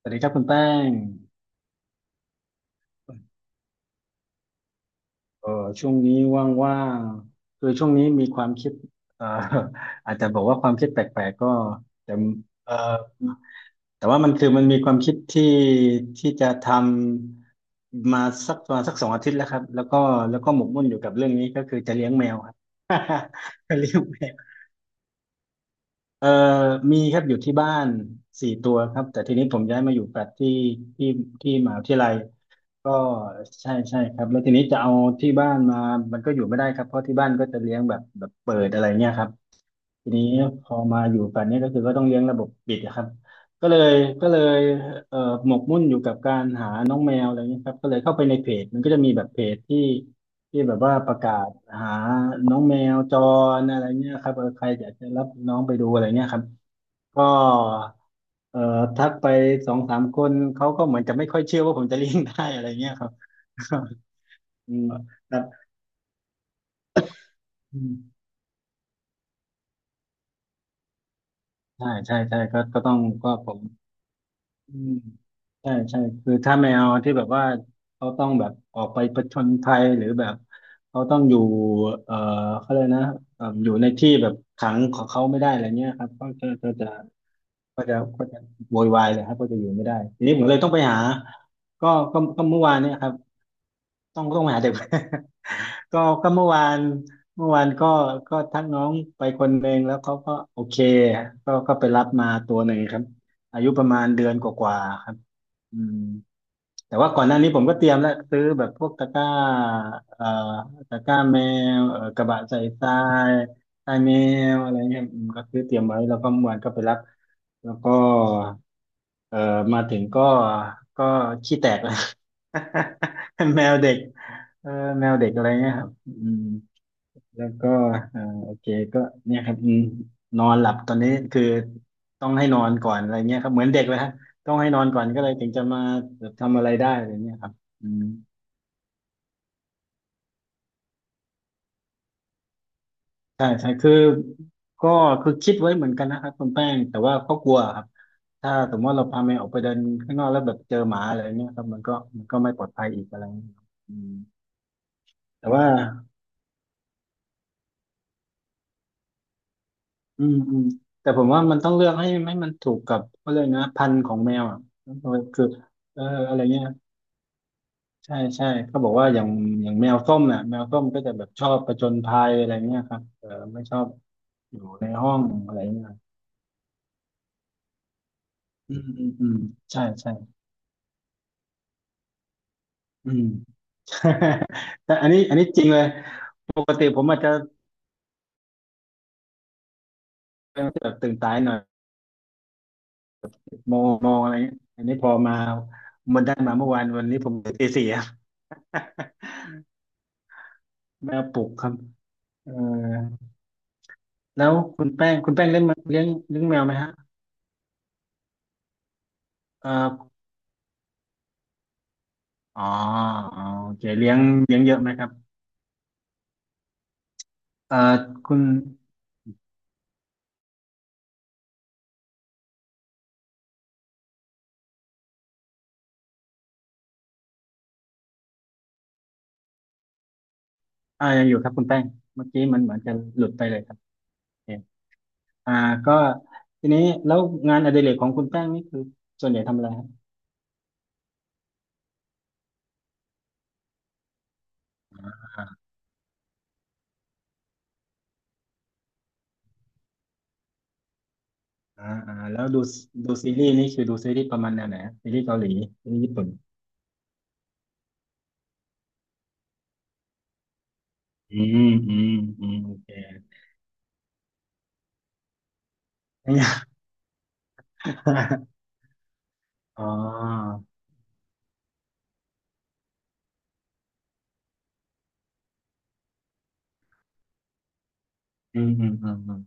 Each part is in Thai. สวัสดีครับคุณแป้งเออช่วงนี้ว่างๆคือช่วงนี้มีความคิดเอ่อ อาจจะบอกว่าความคิดแปลกๆก็แต่เออแต่ว่ามันคือมันมีความคิดที่จะทำมาสักประมาณสัก2 อาทิตย์แล้วครับแล้วก็หมกมุ่นอยู่กับเรื่องนี้ก็คือจะเลี้ยงแมวครับ จะเลี้ยงแมว เอ่อมีครับอยู่ที่บ้าน4 ตัวครับ แต่ทีนี้ผมย้ายมาอยู่แฟลตที่ที่มหาวิทยาลัยก็ใช่ใช่ครับแล้วทีนี้จะเอาที่บ้านมา มันก็อยู่ไม่ได้ครับ เพราะที่บ้านก็จะเลี้ยงแบบเปิดอะไรเงี้ยครับ ทีนี้พอมาอยู่กันเนี่ยก็คือก็ต้องเลี้ยงระบบปิดนะครับก็เลยก็เลยเอ่อหมกมุ่นอยู่กับการหาน้องแมวอะไรเงี้ยครับก็เลยเข้าไปในเพจมันก็จะมีแบบเพจที่แบบว่าประกาศหาน้องแมวจรอะไรเงี้ยครับใครอยากจะรับน้องไปดูอะไรเงี้ยครับก็เอ่อทักไป2-3 คนเขาก็เหมือนจะไม่ค่อยเชื่อว่าผมจะเลี้ยงได้อะไรเงี้ยครับ อืมครับอืมใช่ใช่ใช่ก็ต้องก็ผม อืมใช่ใช่คือถ้าแมวที่แบบว่าเขาต้องแบบออกไปผจญภัยหรือแบบเขาต้องอยู่เอ่อเขาเลยกนะอยู่ในที่แบบขังของเขาไม่ได้อะไรเงี้ยครับก็จะโวยวายเลยครับก็จะอยู่ไม่ได้ทีนี้ผมเลยต้องไปหาก็ก็เมื่อวานเนี่ยครับต้องมาหาเด็ก ก็เมื่อวานก็ทักน้องไปคนหนึ่งแล้วเขาก็โอเคก็ไปรับมาตัวหนึ่งครับ อายุประมาณเดือนกว่าๆครับอืมแต่ว่าก่อนหน้านี้ผมก็เตรียมแล้วซื้อแบบพวกเอ่อตะกร้าแมวกระบะใส่ยทรายแมวอะไรเงี้ยอืมก็ซื้อเตรียมไว้แล้วก็เมื่อวานก็ไปรับแล้วก็เอ่อมาถึงก็ขี้แตกแล้ว แมวเด็กเออแมวเด็กอะไรเงี้ยครับอืม แล้วก็อ่าโอเคก็เนี่ยครับอืมนอนหลับตอนนี้คือต้องให้นอนก่อนอะไรเงี้ยครับเหมือนเด็กเลยฮะต้องให้นอนก่อนก็เลยถึงจะมาแบบทำอะไรได้อะไรเงี้ยครับอืมใช่ใช่คือก็คือคิดไว้เหมือนกันนะครับคุณแป้งแต่ว่าก็กลัวครับถ้าสมมติว่าเราพาแมวออกไปเดินข้างนอกแล้วแบบเจอหมาอะไรเงี้ยครับมันก็ไม่ปลอดภัยอีกอะไรเงี้ยครับอืมแต่ว่าอืมอืมแต่ผมว่ามันต้องเลือกให้มันถูกกับเขาเรียกนะพันธุ์ของแมวอ่ะคืออะไรเงี้ย ใช่ใช่เขาบอกว่าอย่างแมวส้มน่ะแมวส้มก็จะแบบชอบผจญภัยอะไรเงี้ยครับไม่ชอบอยู่ในห้องอะไรเงี้ยอืมอืมอืมใช่ใช่อืม แต่อันนี้จริงเลยปกติผมอาจจะเป็นแบบตื่นสายหน่อยโมงโมงอะไรเงี้ยอันนี้พอมามันได้มาเมื่อวานวันนี้ผมตื่นตี 4อะ แมวปลุกครับเออแล้วคุณแป้งเลี้ยงเลี้ยงแมวไหมฮะเอออ๋ออ๋อโอเคเลี้ยงเยอะไหมครับ เอ่อคุณอ่ายังอยู่ครับคุณแป้งเมื่อกี้มันเหมือนจะหลุดไปเลยครับโอเคอ่าก็ทีนี้แล้วงานอดิเรกของคุณแป้งนี่คือส่วนใหญ่ทำอะไรครับอ่าอ่าแล้วดูซีรีส์นี่คือดูซีรีส์ประมาณแนวไหนฮะซีรีส์เกาหลีซีรีส์ญี่ปุ่นอืมอืมอืมโอเค อ๋ออืมอืมอืมอืม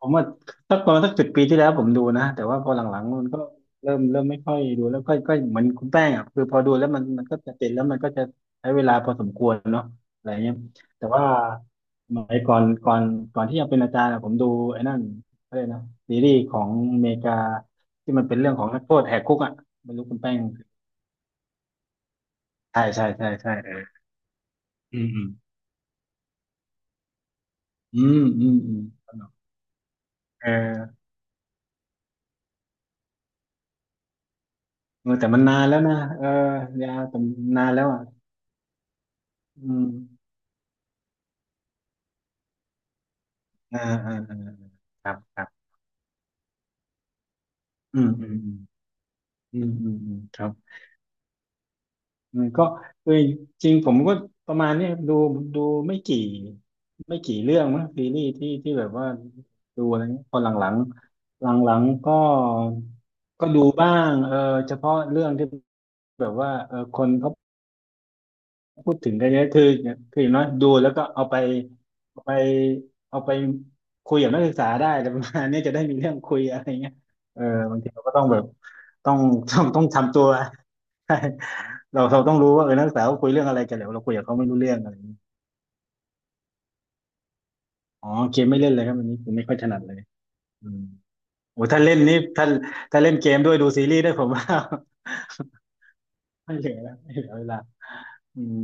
ผมว่าสักประมาณสัก10 ปีที่แล้วผมดูนะแต่ว่าพอหลังๆมันก็เริ่มไม่ค่อยดูแล้วค่อยก็เหมือนคุณแป้งอ่ะคือพอดูแล้วมันก็จะติดแล้วมันก็จะใช้เวลาพอสมควรเนาะอะไรเงี้ยแต่ว่าสมัยก่อนที่จะเป็นอาจารย์อะผมดูไอ้นั่นอะไรยกนะซีรีส์ของอเมริกาที่มันเป็นเรื่องของนักโทษแหกคุกอ่ะไม่รู้คุณแป้งใช่ใช่ใช่ใช่อืมอืมอืมอืมอืมเออเออแต่มันนานแล้วนะยาแต่มันนานแล้วอ่ะอืม อ่าอ่าอ่าครับครับอืมอืมอืมอืมอืมครับอืมก็เอ้ยจริงผมก็ประมาณเนี้ยดูไม่กี่ไม่กี่เรื่องมั้งซีรีส์ที่แบบว่าดูอะไรเงี้ยพอหลังๆหลังๆก็ดูบ้างเฉพาะเรื่องที่แบบว่าคนเขา พูดถึงก็เยอะคือคืออย่างน้อยดูแล้วก็เอาไปเอาไปเอาไปคุยกับนักศึกษาได้อะไรประมาณนี้จะได้มีเรื่องคุยอะไรเงี้ยเออบางทีเราก็ต้องแบบต้องต้องทำตัว เราต้องรู้ว่าเออนักศึกษาเขาคุยเรื่องอะไรกันแล้วเราคุยกับเขาไม่รู้เรื่องอะไรอย่างนี้อ๋อเกมไม่เล่นเลยครับวันนี้ผมไม่ค่อยถนัดเลยอืมโอ้ถ้าเล่นนี่ถ้าเล่นเกมด้วยดูซีรีส์ด้วยผมว่า ไม่เหลือแล้วไม่เหลือเวลาอืม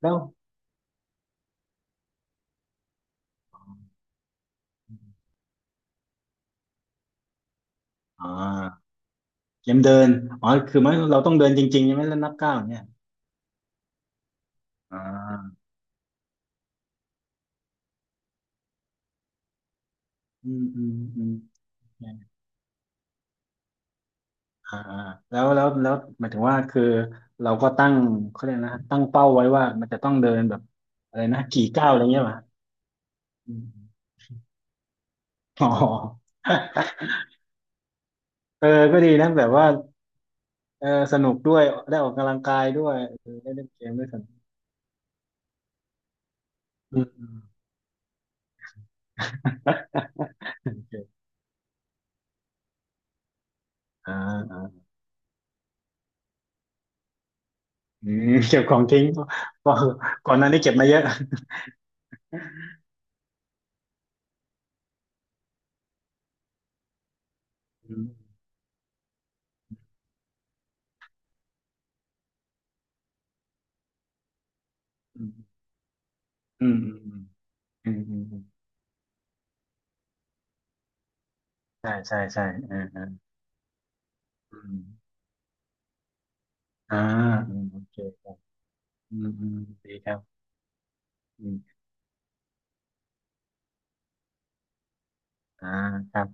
แล้วอ่าเกมเดินอ๋อคือมันเราต้องเดินจริงๆใช่ไหมแล้วนับก้าวเนี่ย อ่าอืมอืมอืมอ่าอ่าแล้วหมายถึงว่าคือเราก็ตั้งเขาเรียกนะตั้งเป้าไว้ว่ามันจะต้องเดินแบบอะไรนะกี่ก้าวอะไรเงี้ยป่ะอมอ๋อ เออก็ดีนะแบบว่าเออสนุกด้วยได้ออกกำลังกายด้วยเออได้เล่นเกมด้วยสนุกอืมอืม โอเคอ่าอ่าอืมเก็บของทิ้ง เพราะก่อนหน้านี้เก็บมาเยอะอืมอืมอืมอืมอืมอืมอืมใช่ใช่ใช่เออเอออืม อ่าอืมโอเคอืมอืมดีครับอืมอ่าครับ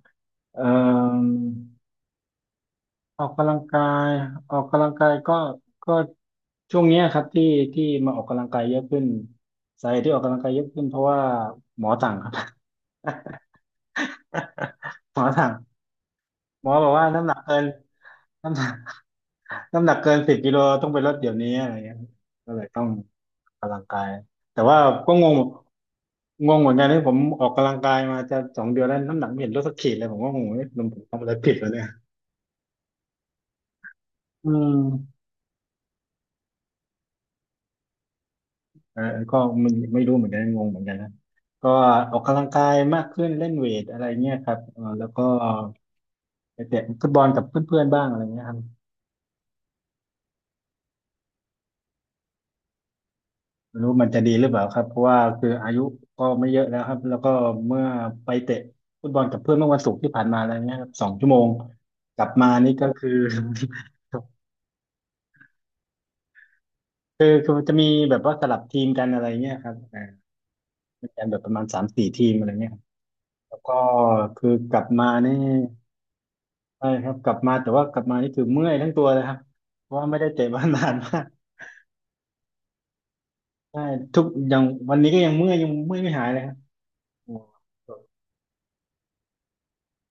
เอ่อออกกำลังกายออกกำลังกายก็ช่วงเนี้ยครับที่ที่มาออกกำลังกายเยอะขึ้นสาเหตุที่ออกกำลังกายเยอะขึ้นเพราะว่าหมอสั่งครับ หมอสั่งหมอบอกว่าน้ำหนักเกินน้ำหนัก น้ำหนักเกิน10 กิโลต้องไปลดเดี๋ยวนี้อะไรเงี้ยก็เลยต้องออกกำลังกายแต่ว่าก็งงงงเหมือนกันที่ผมออกกำลังกายมาจะ2 เดือนแล้วน้ำหนักไม่เห็นลดสักขีดเลยผมก็งงเอ๊ะผมทำอะไรผิดวะเนี่ยอืมเออก็ไม่รู้เหมือนกันงงเหมือนกันนะก็ออกกำลังกายมากขึ้นเล่นเวทอะไรเงี้ยครับเออแล้วก็ไปเตะฟุตบอลกับเพื่อนๆบ้างอะไรเงี้ยครับ ไม่รู้มันจะดีหรือเปล่าครับเพราะว่าคืออายุก็ไม่เยอะแล้วครับแล้วก็เมื่อไปเตะฟุตบอลกับเพื่อนเมื่อวันศุกร์ที่ผ่านมาอะไรเงี้ยครับ2 ชั่วโมงกลับมานี่ก็คือ คือจะมีแบบว่าสลับทีมกันอะไรเงี้ยครับอ่ามีกันแบบประมาณ3-4 ทีมอะไรเงี้ยครับแล้วก็คือกลับมานี่ใช่ครับกลับมาแต่ว่ากลับมานี่คือเมื่อยทั้งตัวเลยครับเพราะว่าไม่ได้เตะมานานมากใช่ทุกอย่างวันนี้ก็ยังเมื่อยยังเมื่อยไม่หายเลยครับ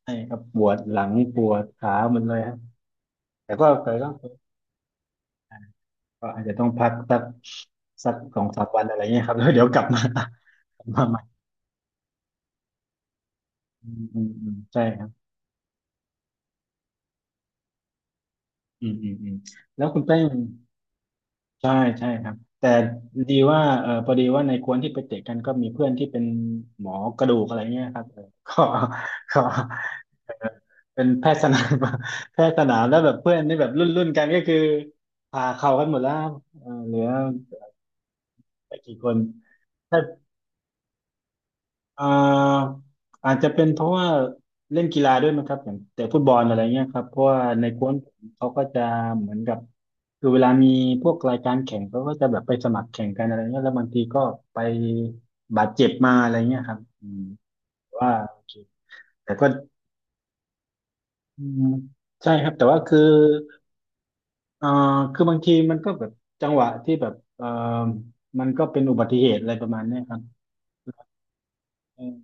ใช่ครับปวดหลังปวดขาหมดเลยครับ แต่ก็ก็อาจจะต้องพักสัก2-3 วันอะไรเงี้ยครับแล้วเดี๋ยวกลับมา กลับมาใหม่อืมอืมอืมใช่ครับอืมอืมอืมแล้วคุณแป้งใช่ใช่ครับแต่ดีว่าเออพอดีว่าในกวนที่ไปเตะกันก็มีเพื่อนที่เป็นหมอกระดูกอะไรเงี้ยครับเออก็ก็เออเป็นแพทย์สนาม แพทย์สนามแล้วแบบเพื่อนนี่แบบรุ่นกันก็คือผ่าเข่ากันหมดแล้วครัเออเหลือไม่กี่คน อ่าอาจจะเป็นเพราะว่าเล่นกีฬาด้วยมั้งครับอย่างแต่ฟุตบอลอะไรเงี้ยครับเพราะว่าในกวนผมเขาก็จะเหมือนกับคือเวลามีพวกรายการแข่งเขาก็จะแบบไปสมัครแข่งกันอะไรเงี้ยแล้วบางทีก็ไปบาดเจ็บมาอะไรเงี้ยครับอืมตว่าโอเคแต่ก็อืมใช่ครับแต่ว่าคือเอ่อคือบางทีมันก็แบบจังหวะที่แบบมันก็เป็นอุบัติเหตุอะไรประมาณเนี้ยครับ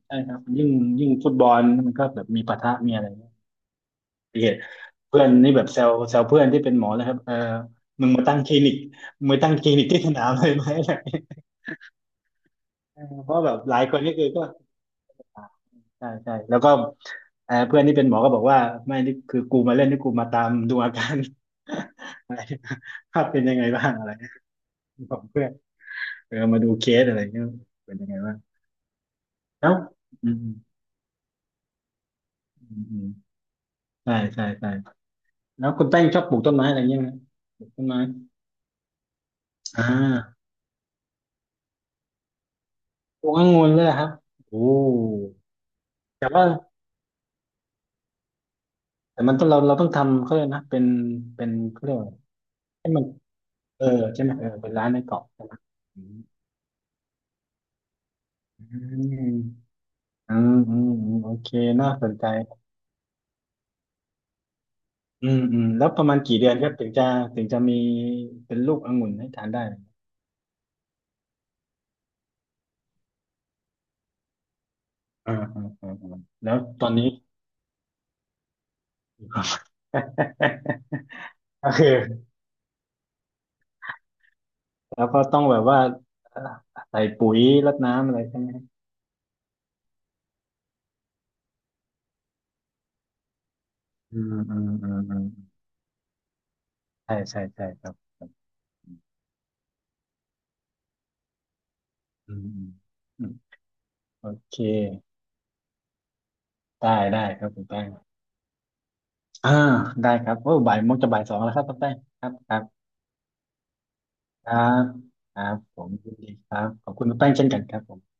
ใช่ครับยิ่งฟุตบอลมันก็แบบมีปะทะมีอะไร เหี้ยเพื่อนนี่แบบแซวแซวเพื่อนที่เป็นหมอนะครับเออมึงมาตั้งคลินิกมึงมาตั้งคลินิกที่สนามเลยไหมอะไร อย่างเงี้ยเออเพราะแบบหลายคนนี่คือก็ใช่ใช่แล้วก็เออเพื่อนที่เป็นหมอก็บอกว่าไม่นี่คือกูมาเล่นนี่กูมาตามดูอาการ อะไรภาพเป็นยังไงบ้างอะไรของเพื่อนเออมาดูเคสอะไรเงี้ยเป็นยังไงบ้างแล้วอืมอืมอืมใช่ใช่ใช่แล้วคุณแป้งชอบปลูกต้นไม้อะไรเงี้ยไหมปลูกต้นไม้อ่าปลูกองุ่นเลยเหรอครับโอ้ แต่ว่าแต่มันต้องเราต้องทำเขาเลยกนะเป็นเป็นเขาเรียกว่าอะไรให้มันเออใช่ไหมเออเป็นร้านในเกาะใช่ไหมอืมอืมอืมอืมอืมโอเคน่าสนใจอืมอืมแล้วประมาณกี่เดือนครับถึงจะถึงจะมีเป็นลูกองุ่นให้ทานได้อ่าอ่าอ่าอ่าแล้วตอนนี้ ก็คือแล้วก็ต้องแบบว่าเอ่อใส่ปุ๋ยรดน้ำอะไรใช่ไหมอืมอืมอืมอืมใช่ใช่ใช่ครับอืมอืมอืมโอเค ได้ได้ครับคุณแป้งอ่าได้ครับโอ้บ่ายโมงจะบ่ายสองแล้วครับคุณแป้งครับครับครับครับผมยินดีครับขอบคุณคุณแป้งเช่นกันครับผม